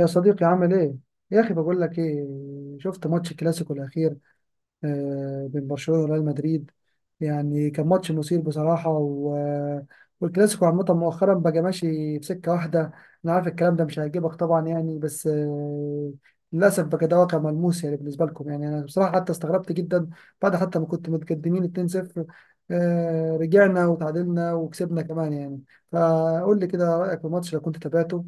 يا صديقي عامل ايه؟ يا اخي بقول لك ايه. شفت ماتش الكلاسيكو الاخير؟ بين برشلونة وريال مدريد، يعني كان ماتش مثير بصراحة والكلاسيكو عامة مؤخرا بقى ماشي في سكة واحدة. انا عارف الكلام ده مش هيعجبك طبعا يعني، بس للأسف بقى ده واقع ملموس يعني، بالنسبة لكم يعني انا بصراحة حتى استغربت جدا. بعد حتى ما كنت متقدمين 2-0، رجعنا وتعادلنا وكسبنا كمان يعني. فقول لي كده رأيك في الماتش لو كنت تابعته.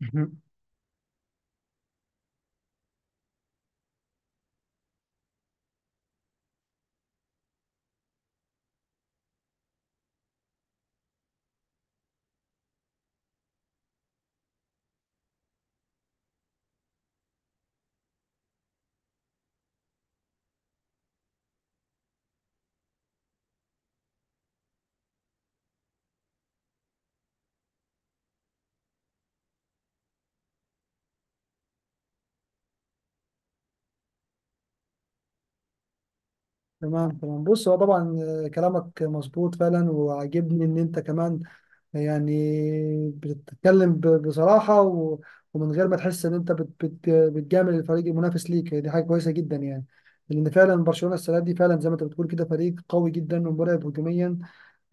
تمام تمام. بص هو طبعا كلامك مظبوط فعلا، وعاجبني ان انت كمان يعني بتتكلم بصراحة ومن غير ما تحس ان انت بت بت بتجامل الفريق المنافس ليك، دي حاجة كويسة جدا يعني. لان فعلا برشلونة السنة دي فعلا زي ما انت بتقول كده فريق قوي جدا ومرعب هجوميا.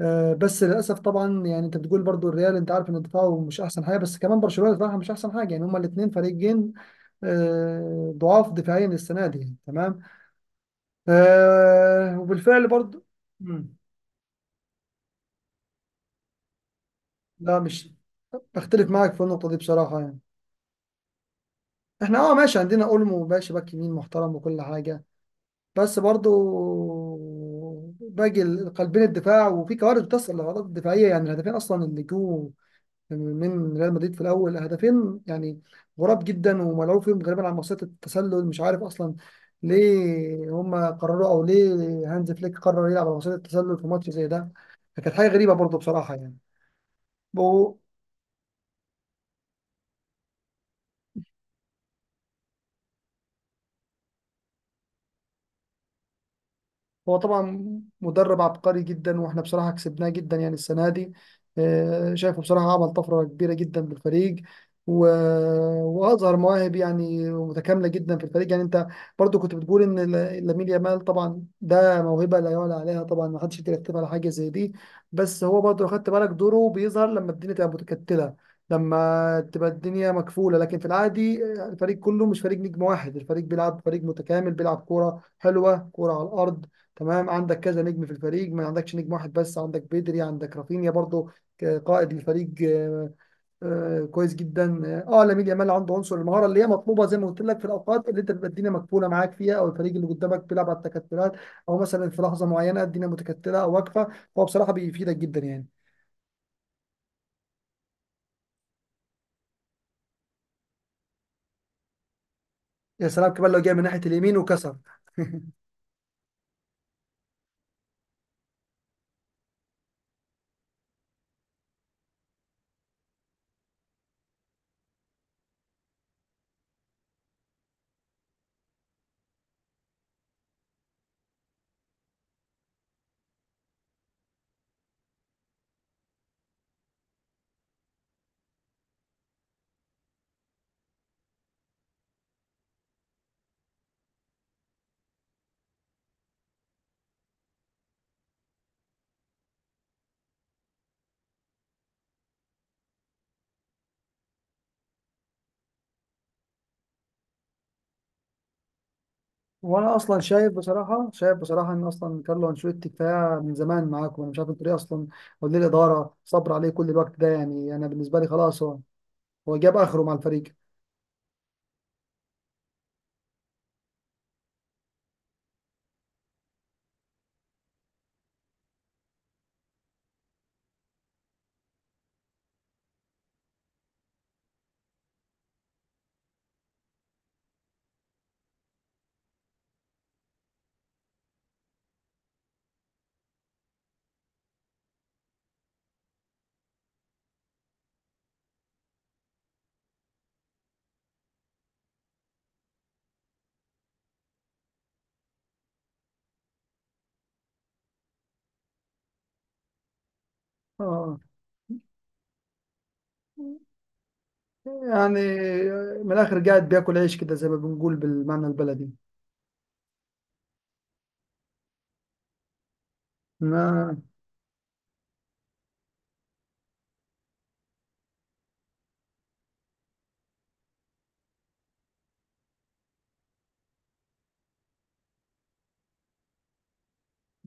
بس للاسف طبعا، يعني انت بتقول برضو الريال انت عارف ان دفاعه مش احسن حاجة، بس كمان برشلونة دفاعها مش احسن حاجة، يعني هما الاثنين فريقين ضعاف دفاعيا السنة دي. تمام، آه، وبالفعل برضه. مم. لا، مش بختلف معاك في النقطة دي بصراحة يعني. احنا اه ماشي، عندنا اولمو باشا باك يمين محترم وكل حاجة، بس برضو قلبين الدفاع وفي كوارث بتحصل لغلطات دفاعية. يعني الهدفين اصلا اللي جو من ريال مدريد في الاول، هدفين يعني غراب جدا وملعوب فيهم غالبا على مصيدة التسلل، مش عارف اصلا ليه هما قرروا، او ليه هانز فليك قرر يلعب على مصيدة التسلل في ماتش زي ده، فكانت حاجة غريبة برضو بصراحة يعني. بالترجمة نانسي قنقر. هو طبعا مدرب عبقري جدا، واحنا بصراحة كسبناه جدا يعني السنة دي. شايفه بصراحة عمل طفرة كبيرة جدا بالفريق، و... وأظهر مواهب يعني متكاملة جدا في الفريق. يعني أنت برضو كنت بتقول إن لامين يامال طبعا ده موهبة لا يعلى عليها، طبعا ما حدش يقدر يكتب على حاجة زي دي، بس هو برضو لو خدت بالك دوره بيظهر لما الدنيا تبقى متكتلة، لما تبقى الدنيا مكفولة، لكن في العادي الفريق كله مش فريق نجم واحد، الفريق بيلعب فريق متكامل، بيلعب كورة حلوة كورة على الأرض. تمام، عندك كذا نجم في الفريق، ما عندكش نجم واحد بس، عندك بيدري، عندك رافينيا برضو قائد الفريق، آه، كويس جدا. اه لامين يامال عنده عنصر المهاره اللي هي مطلوبه زي ما قلت لك، في الاوقات اللي انت بتبقى الدنيا مقفوله معاك فيها، او الفريق اللي قدامك بيلعب على التكتلات، او مثلا في لحظه معينه الدنيا متكتله او واقفه، فهو بصراحه بيفيدك جدا يعني. يا سلام كمان لو جاي من ناحيه اليمين وكسر. وانا اصلا شايف بصراحه، شايف بصراحه ان اصلا كارلو انشيلوتي كفايه من زمان معاكم، انا مش عارف انتوا ليه اصلا، او ليه الاداره صبر عليه كل الوقت ده يعني. انا بالنسبه لي خلاص، هو جاب اخره مع الفريق. اه، يعني من الاخر قاعد بياكل عيش كده زي ما بنقول بالمعنى البلدي. ما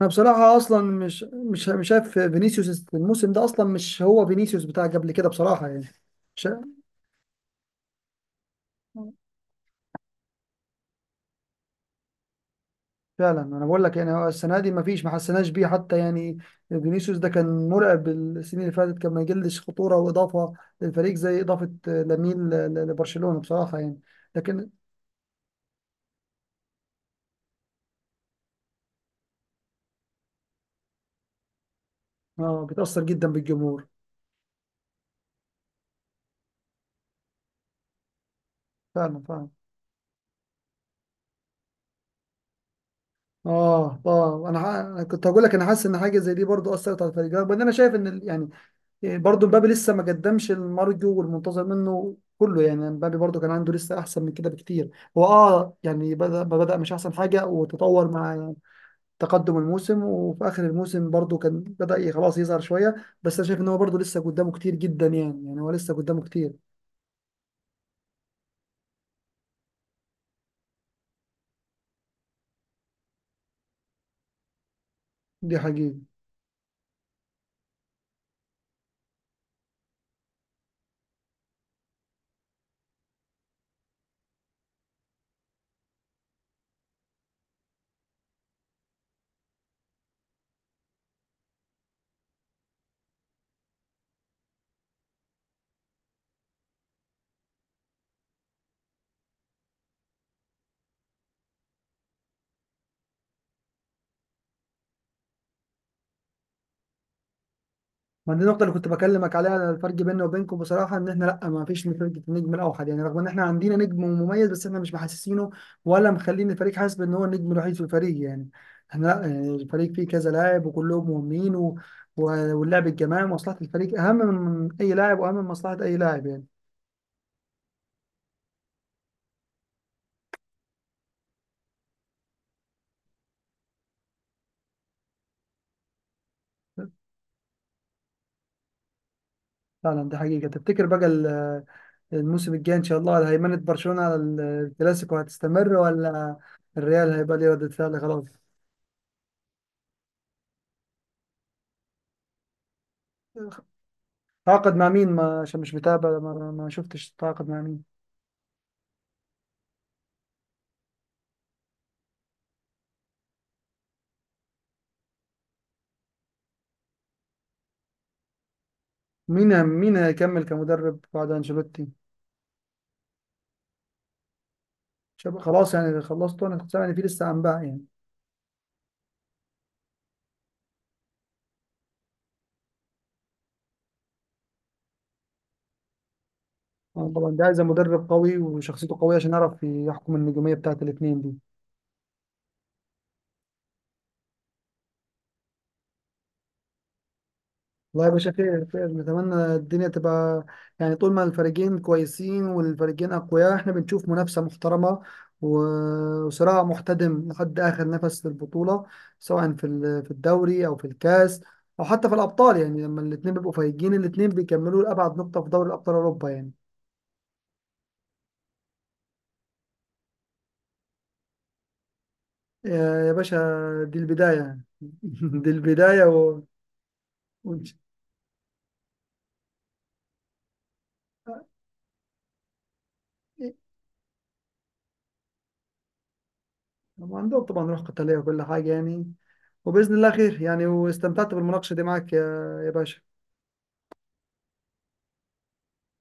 انا بصراحه اصلا مش شايف فينيسيوس الموسم ده، اصلا مش هو فينيسيوس بتاع قبل كده بصراحه يعني. فعلا، انا بقول لك يعني هو السنه دي ما فيش، ما حسيناش بيه حتى يعني. فينيسيوس ده كان مرعب السنين اللي فاتت، كان ما يجلش خطوره واضافه للفريق زي اضافه لامين لبرشلونه بصراحه يعني. لكن اه بيتاثر جدا بالجمهور. فعلا فعلا. اه اه، انا أنا كنت هقول لك انا حاسس ان حاجه زي دي برضو اثرت على الفريق، رغم ان انا شايف ان يعني، برضو مبابي لسه ما قدمش المرجو والمنتظر منه كله، يعني مبابي برضو كان عنده لسه احسن من كده بكتير. هو اه يعني بدا، ما بدأ مش احسن حاجه، وتطور مع تقدم الموسم، وفي اخر الموسم برضو كان بدأ خلاص يظهر شويه، بس انا شايف ان هو برضو لسه قدامه كتير جدا، يعني يعني هو لسه قدامه كتير. دي حقيقه. ما دي النقطه اللي كنت بكلمك عليها، الفرق بيننا وبينكم بصراحه ان احنا لا، ما فيش فرقه النجم الاوحد يعني، رغم ان احنا عندنا نجم مميز بس احنا مش محسسينه، ولا مخلين الفريق حاسس بان هو النجم الوحيد في الفريق يعني. احنا لا، يعني الفريق فيه كذا لاعب وكلهم مهمين و... واللعب الجماعي، مصلحه الفريق اهم من اي لاعب واهم من مصلحه اي لاعب يعني. فعلا دي حقيقه. تفتكر بقى الموسم الجاي ان شاء الله على هيمنة برشلونة على الكلاسيكو هتستمر، ولا الريال هيبقى ليه ردة فعل خلاص؟ تعاقد مع مين؟ ما عشان مش متابع، ما, ما شفتش. تعاقد مع مين؟ مين مين هيكمل كمدرب بعد انشيلوتي؟ خلاص يعني خلصت، انا كنت سامع ان في لسه انباء يعني. أنا طبعا ده عايز مدرب قوي وشخصيته قوية عشان يعرف يحكم النجومية بتاعت الاثنين دي. والله يا باشا خير خير، نتمنى الدنيا تبقى، يعني طول ما الفريقين كويسين والفريقين أقوياء احنا بنشوف منافسة محترمة، وصراع محتدم لحد آخر نفس في البطولة، سواء في في الدوري أو في الكاس أو حتى في الأبطال، يعني لما الاتنين بيبقوا فايقين الاتنين بيكملوا لأبعد نقطة في دوري أبطال أوروبا يعني. يا يا باشا، دي البداية يعني. دي البداية و... عندهم طبعا روح قتالية وكل حاجة يعني، وباذن الله خير يعني. واستمتعت بالمناقشه دي معاك يا يا باشا.